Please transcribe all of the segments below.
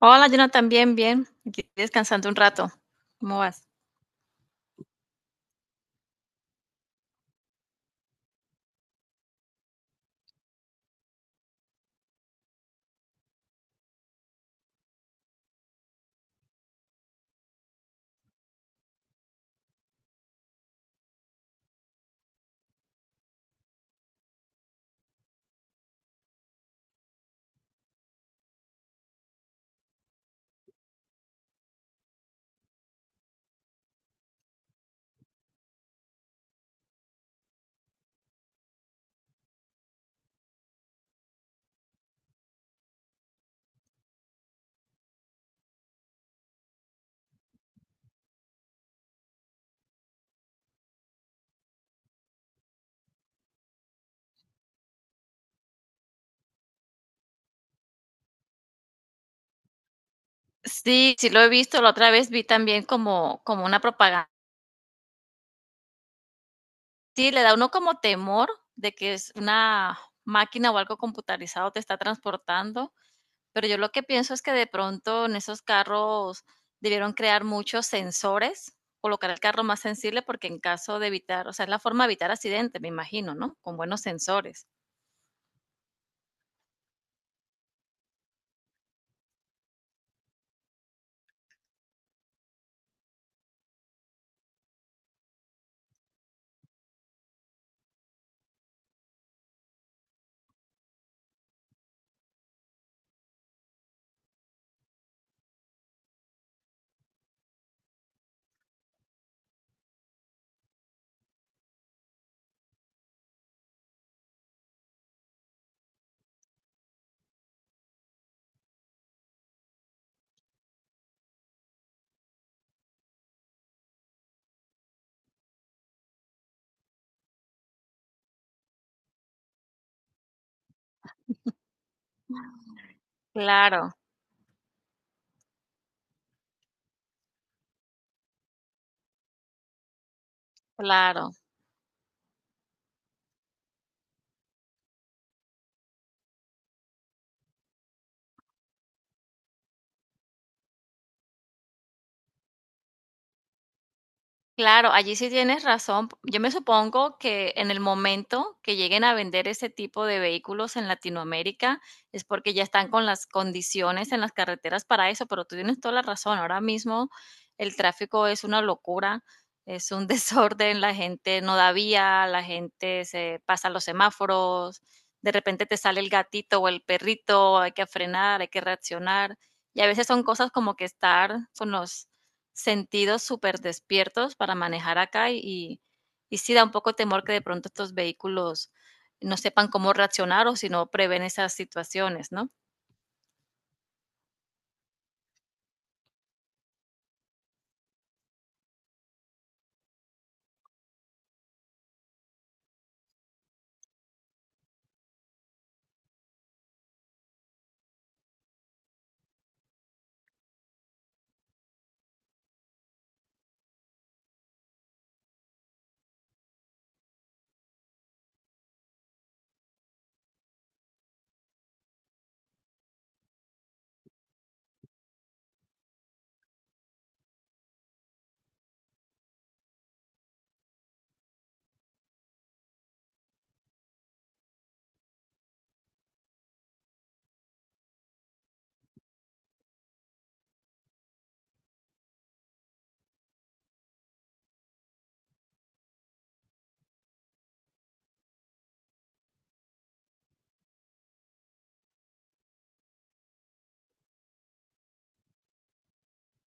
Hola, Jonathan, bien, bien. Aquí descansando un rato. ¿Cómo vas? Sí, sí lo he visto. La otra vez vi también como una propaganda. Sí, le da uno como temor de que es una máquina o algo computarizado te está transportando. Pero yo lo que pienso es que de pronto en esos carros debieron crear muchos sensores, colocar el carro más sensible porque en caso de evitar, o sea, es la forma de evitar accidentes, me imagino, ¿no? Con buenos sensores. Claro, claro. Claro, allí sí tienes razón. Yo me supongo que en el momento que lleguen a vender ese tipo de vehículos en Latinoamérica es porque ya están con las condiciones en las carreteras para eso, pero tú tienes toda la razón. Ahora mismo el tráfico es una locura, es un desorden, la gente no da vía, la gente se pasa los semáforos, de repente te sale el gatito o el perrito, hay que frenar, hay que reaccionar. Y a veces son cosas como que estar con los sentidos súper despiertos para manejar acá y sí da un poco temor que de pronto estos vehículos no sepan cómo reaccionar o si no prevén esas situaciones, ¿no?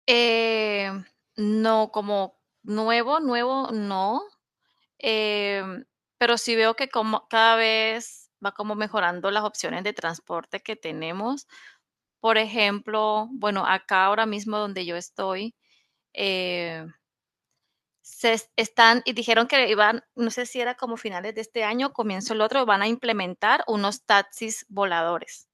Eh, no, como nuevo, nuevo, no. Em, pero sí veo que como cada vez va como mejorando las opciones de transporte que tenemos. Por ejemplo, bueno, acá ahora mismo donde yo estoy, eh, se están y dijeron que iban, no sé si era como finales de este año, comienzo el otro, van a implementar unos taxis voladores.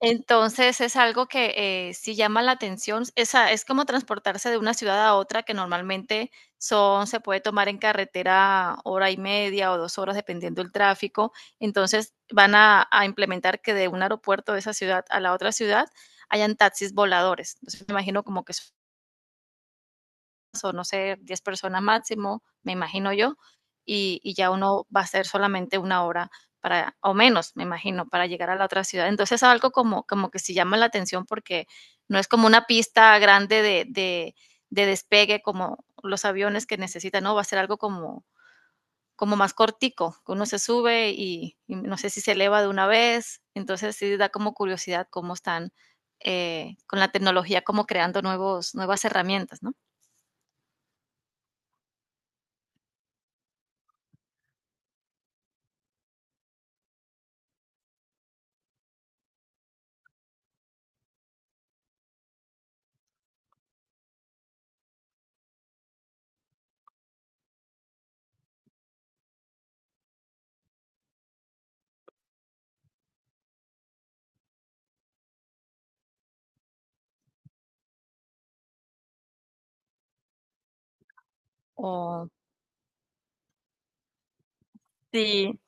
Entonces es algo que sí llama la atención. Esa, es como transportarse de una ciudad a otra que normalmente son, se puede tomar en carretera hora y media o dos horas dependiendo del tráfico. Entonces van a implementar que de un aeropuerto de esa ciudad a la otra ciudad hayan taxis voladores. Entonces me imagino como que es o no sé, 10 personas máximo, me imagino yo, ya uno va a ser solamente una hora para, o menos, me imagino, para llegar a la otra ciudad. Entonces algo como, como que sí llama la atención porque no es como una pista grande de despegue como los aviones que necesitan, no, va a ser algo como, como más cortico, que uno se sube no sé si se eleva de una vez, entonces sí da como curiosidad cómo están con la tecnología, como creando nuevos, nuevas herramientas, ¿no? O, sí.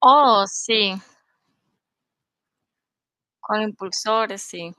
Oh, sí, con impulsores, sí,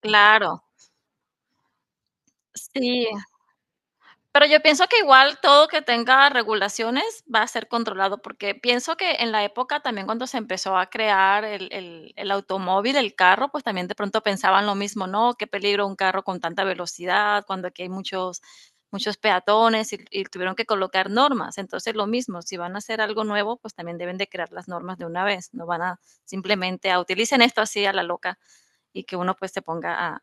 claro. Sí. Pero yo pienso que igual todo que tenga regulaciones va a ser controlado, porque pienso que en la época también cuando se empezó a crear el automóvil, el carro, pues también de pronto pensaban lo mismo, ¿no? Qué peligro un carro con tanta velocidad, cuando aquí hay muchos, muchos peatones y tuvieron que colocar normas. Entonces lo mismo, si van a hacer algo nuevo, pues también deben de crear las normas de una vez, no van a simplemente a utilicen esto así a la loca y que uno pues se ponga a,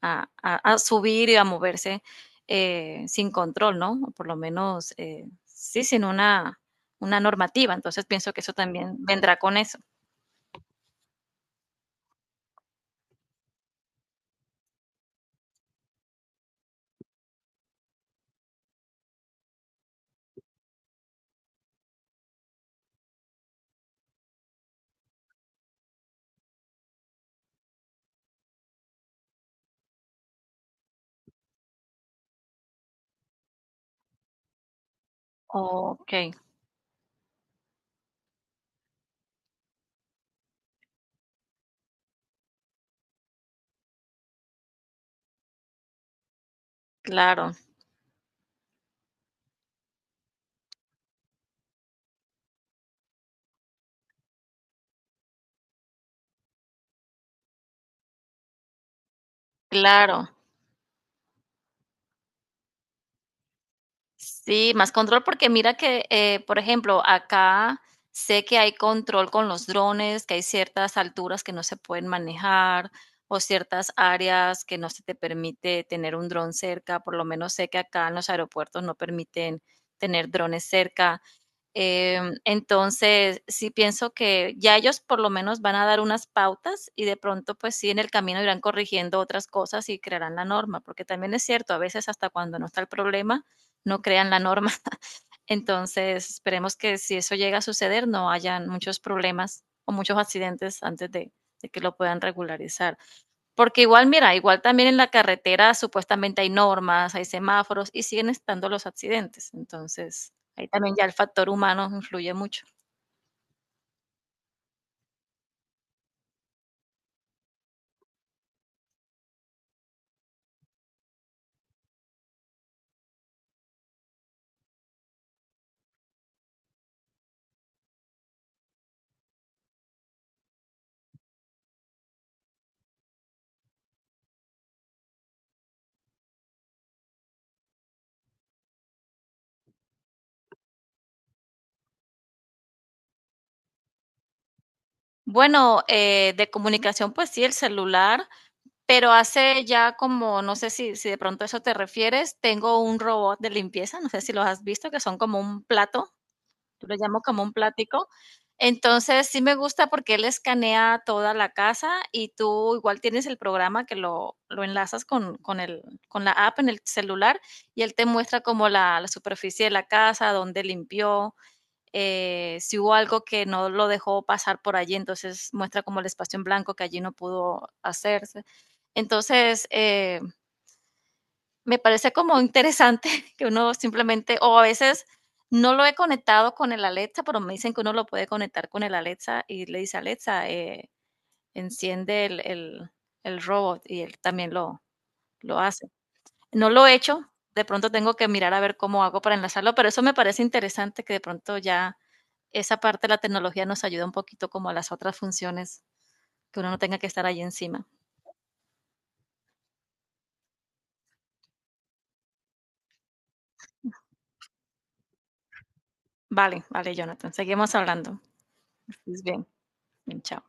a, a- a subir y a moverse sin control, ¿no? O por lo menos, sí, sin una normativa. Entonces pienso que eso también vendrá con eso. Ok, claro, claro. Sí, más control porque mira que, por ejemplo, acá sé que hay control con los drones, que hay ciertas alturas que no se pueden manejar o ciertas áreas que no se te permite tener un dron cerca. Por lo menos sé que acá en los aeropuertos no permiten tener drones cerca. Entonces, sí pienso que ya ellos por lo menos van a dar unas pautas y de pronto, pues sí, en el camino irán corrigiendo otras cosas y crearán la norma, porque también es cierto, a veces hasta cuando no está el problema, no crean la norma. Entonces, esperemos que si eso llega a suceder, no hayan muchos problemas o muchos accidentes antes de que lo puedan regularizar. Porque igual, mira, igual también en la carretera supuestamente hay normas, hay semáforos y siguen estando los accidentes. Entonces, ahí también ya el factor humano influye mucho. Bueno, de comunicación, pues sí, el celular, pero hace ya como, no sé si de pronto a eso te refieres, tengo un robot de limpieza, no sé si los has visto, que son como un plato lo llamo como un plático. Entonces, sí me gusta porque él escanea toda la casa y tú igual tienes el programa que lo enlazas el, con la app en el celular y él te muestra como la superficie de la casa, dónde limpió, si hubo algo que no lo dejó pasar por allí, entonces muestra como el espacio en blanco que allí no pudo hacerse. Entonces, me parece como interesante que uno simplemente o a veces no lo he conectado con el Alexa, pero me dicen que uno lo puede conectar con el Alexa y le dice, Alexa, enciende el robot y él también lo hace. No lo he hecho, de pronto tengo que mirar a ver cómo hago para enlazarlo, pero eso me parece interesante que de pronto ya esa parte de la tecnología nos ayuda un poquito como a las otras funciones, que uno no tenga que estar ahí encima. Vale, vale, Jonathan, seguimos hablando. Que bien. Bien, chao.